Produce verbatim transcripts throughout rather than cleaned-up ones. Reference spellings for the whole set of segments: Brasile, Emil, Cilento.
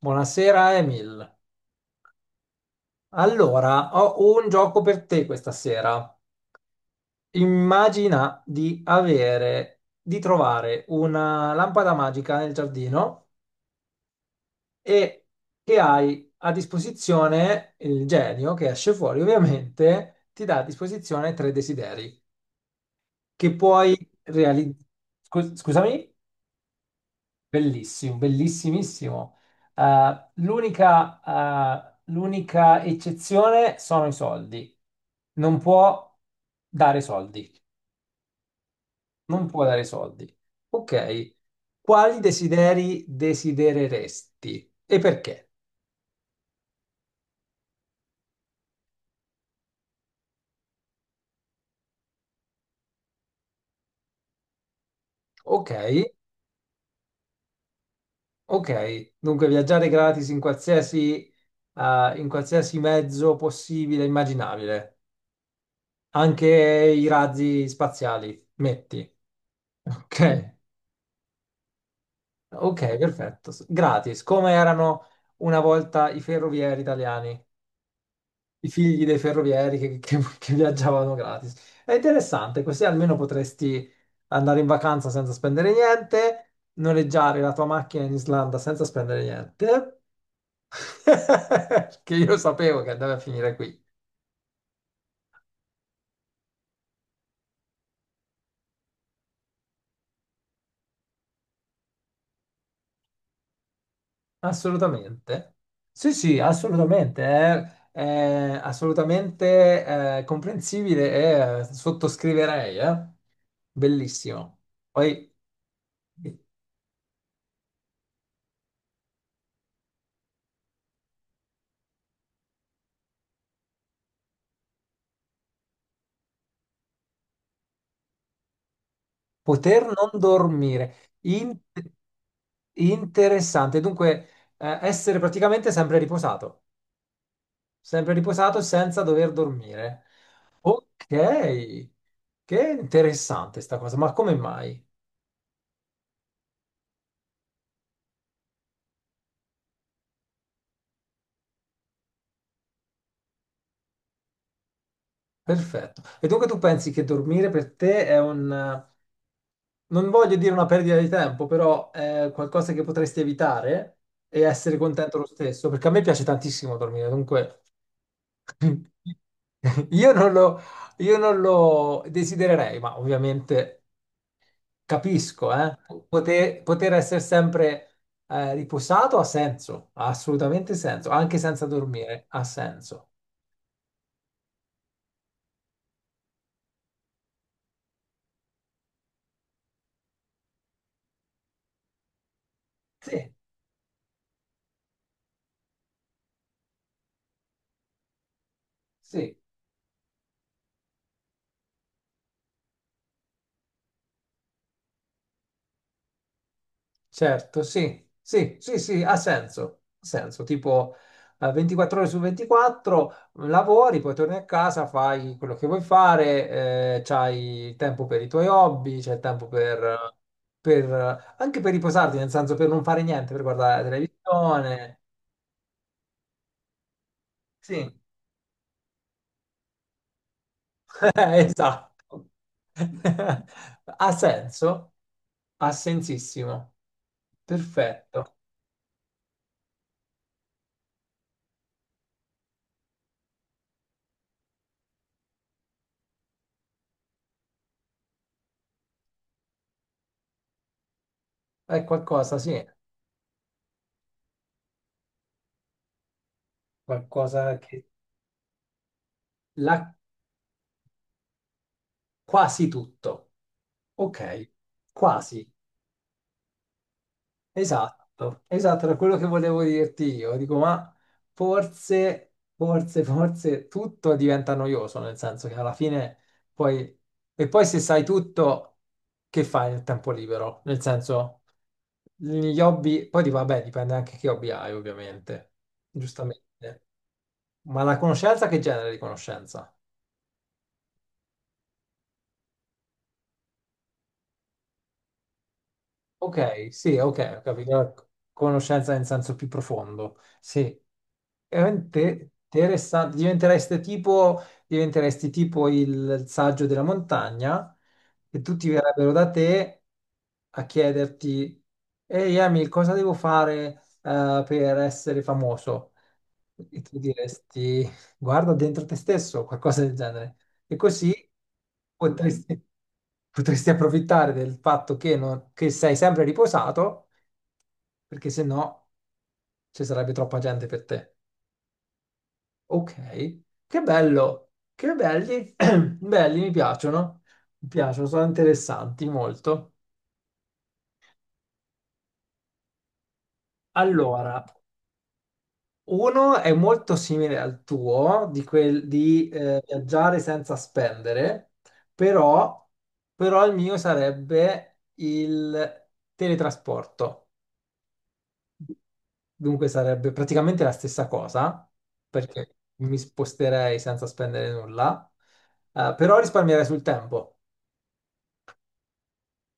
Buonasera Emil. Allora, ho un gioco per te questa sera. Immagina di avere, di trovare una lampada magica nel giardino e che hai a disposizione il genio che esce fuori, ovviamente, ti dà a disposizione tre desideri che puoi realizzare. Scusami? Bellissimo, bellissimissimo. Eh, l'unica eh, l'unica eccezione sono i soldi. Non può dare soldi. Non può dare soldi. Ok. Quali desideri desidereresti e perché? Ok, ok. Dunque viaggiare gratis in qualsiasi, eh, in qualsiasi mezzo possibile, e immaginabile. Anche i razzi spaziali, metti. Ok. Ok, perfetto. S- Gratis, come erano una volta i ferrovieri italiani, i figli dei ferrovieri che, che- che viaggiavano gratis. È interessante, così almeno potresti andare in vacanza senza spendere niente, noleggiare la tua macchina in Islanda senza spendere niente, che io sapevo che andava a finire qui. Assolutamente. Sì, sì, assolutamente. È, è assolutamente eh, comprensibile e eh, sottoscriverei. eh. Bellissimo. Poi poter non dormire. In- Interessante. Dunque, eh, essere praticamente sempre riposato, sempre riposato senza dover dormire. Ok, che interessante sta cosa, ma come mai? Perfetto. E dunque tu pensi che dormire per te è un, non voglio dire una perdita di tempo, però è qualcosa che potresti evitare e essere contento lo stesso, perché a me piace tantissimo dormire, dunque io non lo, io non lo desidererei, ma ovviamente capisco, eh. Poter, poter essere sempre eh, riposato ha senso, ha assolutamente senso, anche senza dormire, ha senso. Sì, sì. Certo, sì, sì, sì, sì, ha senso, ha senso, tipo eh, ventiquattro ore su ventiquattro lavori, poi torni a casa, fai quello che vuoi fare, eh, c'hai il tempo per i tuoi hobby, c'è il tempo per, per, eh, anche per riposarti, nel senso per non fare niente, per guardare la televisione. Sì, esatto. Ha senso? Ha sensissimo. Perfetto. È qualcosa, sì, qualcosa che la Quasi tutto. Ok, quasi. Esatto, esatto, era quello che volevo dirti io. Dico, ma forse, forse, forse tutto diventa noioso, nel senso che alla fine poi... E poi se sai tutto, che fai nel tempo libero? Nel senso, gli hobby... Poi dico, vabbè, dipende anche che hobby hai, ovviamente. Giustamente. Ma la conoscenza, che genere di conoscenza? Ok, sì, ok, ho capito. La Conoscenza in senso più profondo. Sì, veramente interessante. Diventereste tipo, diventeresti tipo il saggio della montagna e tutti verrebbero da te a chiederti, ehi Emil, cosa devo fare eh, per essere famoso? E tu diresti, guarda dentro te stesso, qualcosa del genere. E così potresti, potresti approfittare del fatto che, non- che sei sempre riposato, perché se no ci sarebbe troppa gente per te. Ok, che bello, che belli, belli, mi piacciono, mi piacciono, sono interessanti molto. Allora, uno è molto simile al tuo, di, quel, di eh, viaggiare senza spendere, però, però il mio sarebbe il teletrasporto. Dunque sarebbe praticamente la stessa cosa, perché mi sposterei senza spendere nulla, eh, però risparmierei sul tempo.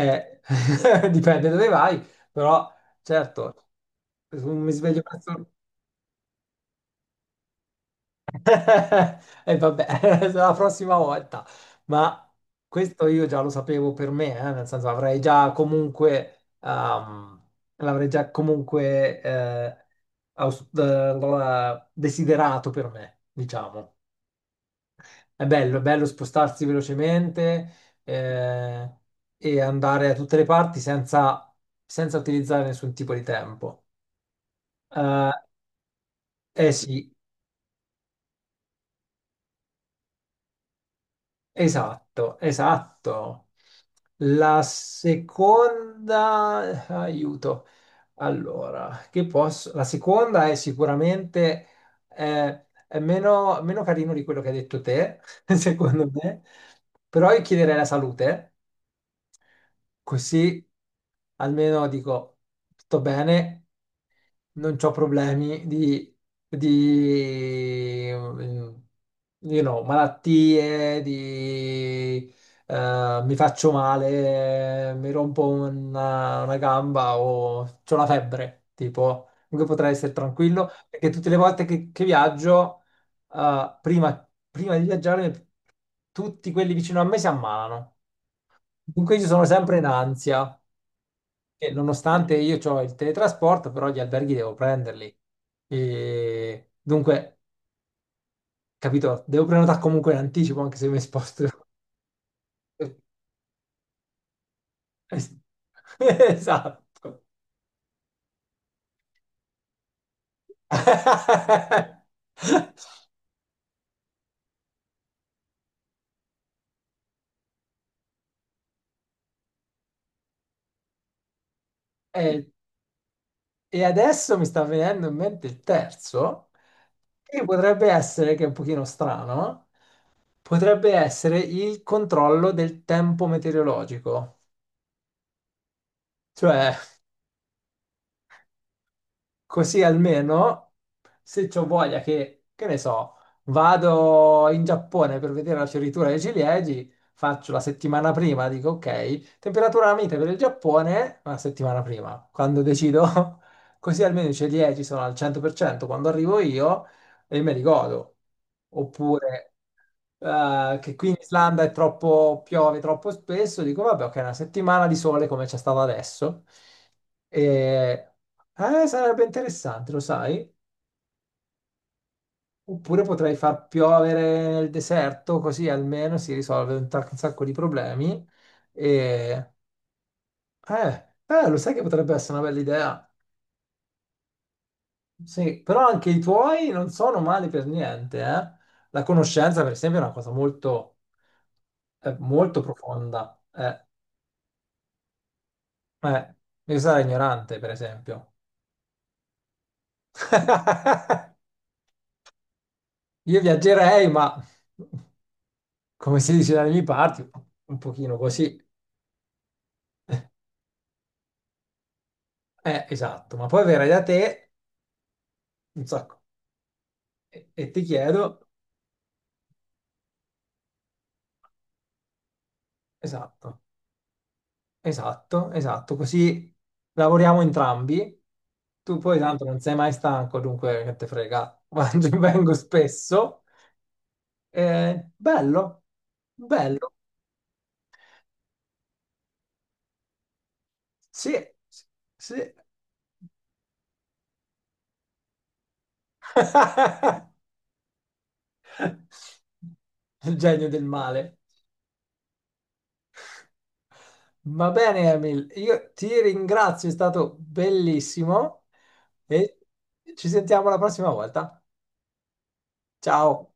Eh, dipende dove vai, però certo, mi sveglio presto. E vabbè, la prossima volta. Ma questo io già lo sapevo per me, eh, nel senso avrei già comunque, ehm, l'avrei già comunque eh, aus- eh, desiderato per me, diciamo. È bello, è bello spostarsi velocemente eh, e andare a tutte le parti senza, senza utilizzare nessun tipo di tempo. Eh eh sì, esatto, esatto. La seconda, eh, aiuto. Allora, che posso? La seconda è sicuramente eh, è meno, meno carino di quello che hai detto te, secondo me, però io chiederei la salute. Così almeno dico tutto bene, non ho problemi di, di, mm, you know, malattie, di, eh, mi faccio male, mi rompo una, una gamba o ho la febbre, tipo, comunque potrei essere tranquillo, perché tutte le volte che, che viaggio, eh, prima, prima di viaggiare, tutti quelli vicino a me si ammalano. Dunque io sono sempre in ansia, e nonostante Mm. io ho il teletrasporto, però gli alberghi devo prenderli. E dunque, capito, devo prenotare comunque in anticipo, anche se mi sposto. Esatto. E, e adesso mi sta venendo in mente il terzo, che potrebbe essere, che è un pochino strano, potrebbe essere il controllo del tempo meteorologico. Cioè, così almeno, se ho voglia che, che ne so, vado in Giappone per vedere la fioritura dei ciliegi, faccio la settimana prima, dico ok, temperatura mite per il Giappone, una settimana prima, quando decido, così almeno i ciliegi sono al cento per cento quando arrivo io e me li godo. Oppure eh, che qui in Islanda è troppo, piove troppo spesso, dico vabbè, ok, una settimana di sole come c'è stata adesso, e, eh, sarebbe interessante, lo sai? Oppure potrei far piovere nel deserto, così almeno si risolve un, tac- un sacco di problemi. E, eh, eh, lo sai che potrebbe essere una bella idea? Sì, però anche i tuoi non sono mali per niente, eh? La conoscenza, per esempio, è una cosa molto, eh, molto profonda. eh. Eh, devi stare ignorante, per esempio. Io viaggerei, ma come si dice dalle mie parti, un pochino così. Eh, esatto, ma poi verrai da te, un sacco, e, e ti chiedo, esatto, esatto, esatto, così lavoriamo entrambi. Tu poi tanto non sei mai stanco, dunque che te frega, Vado- vengo spesso. Eh, bello, bello, sì, sì. sì. Il genio del male. Va bene, Emil, io ti ringrazio, è stato bellissimo e ci sentiamo la prossima volta. Ciao.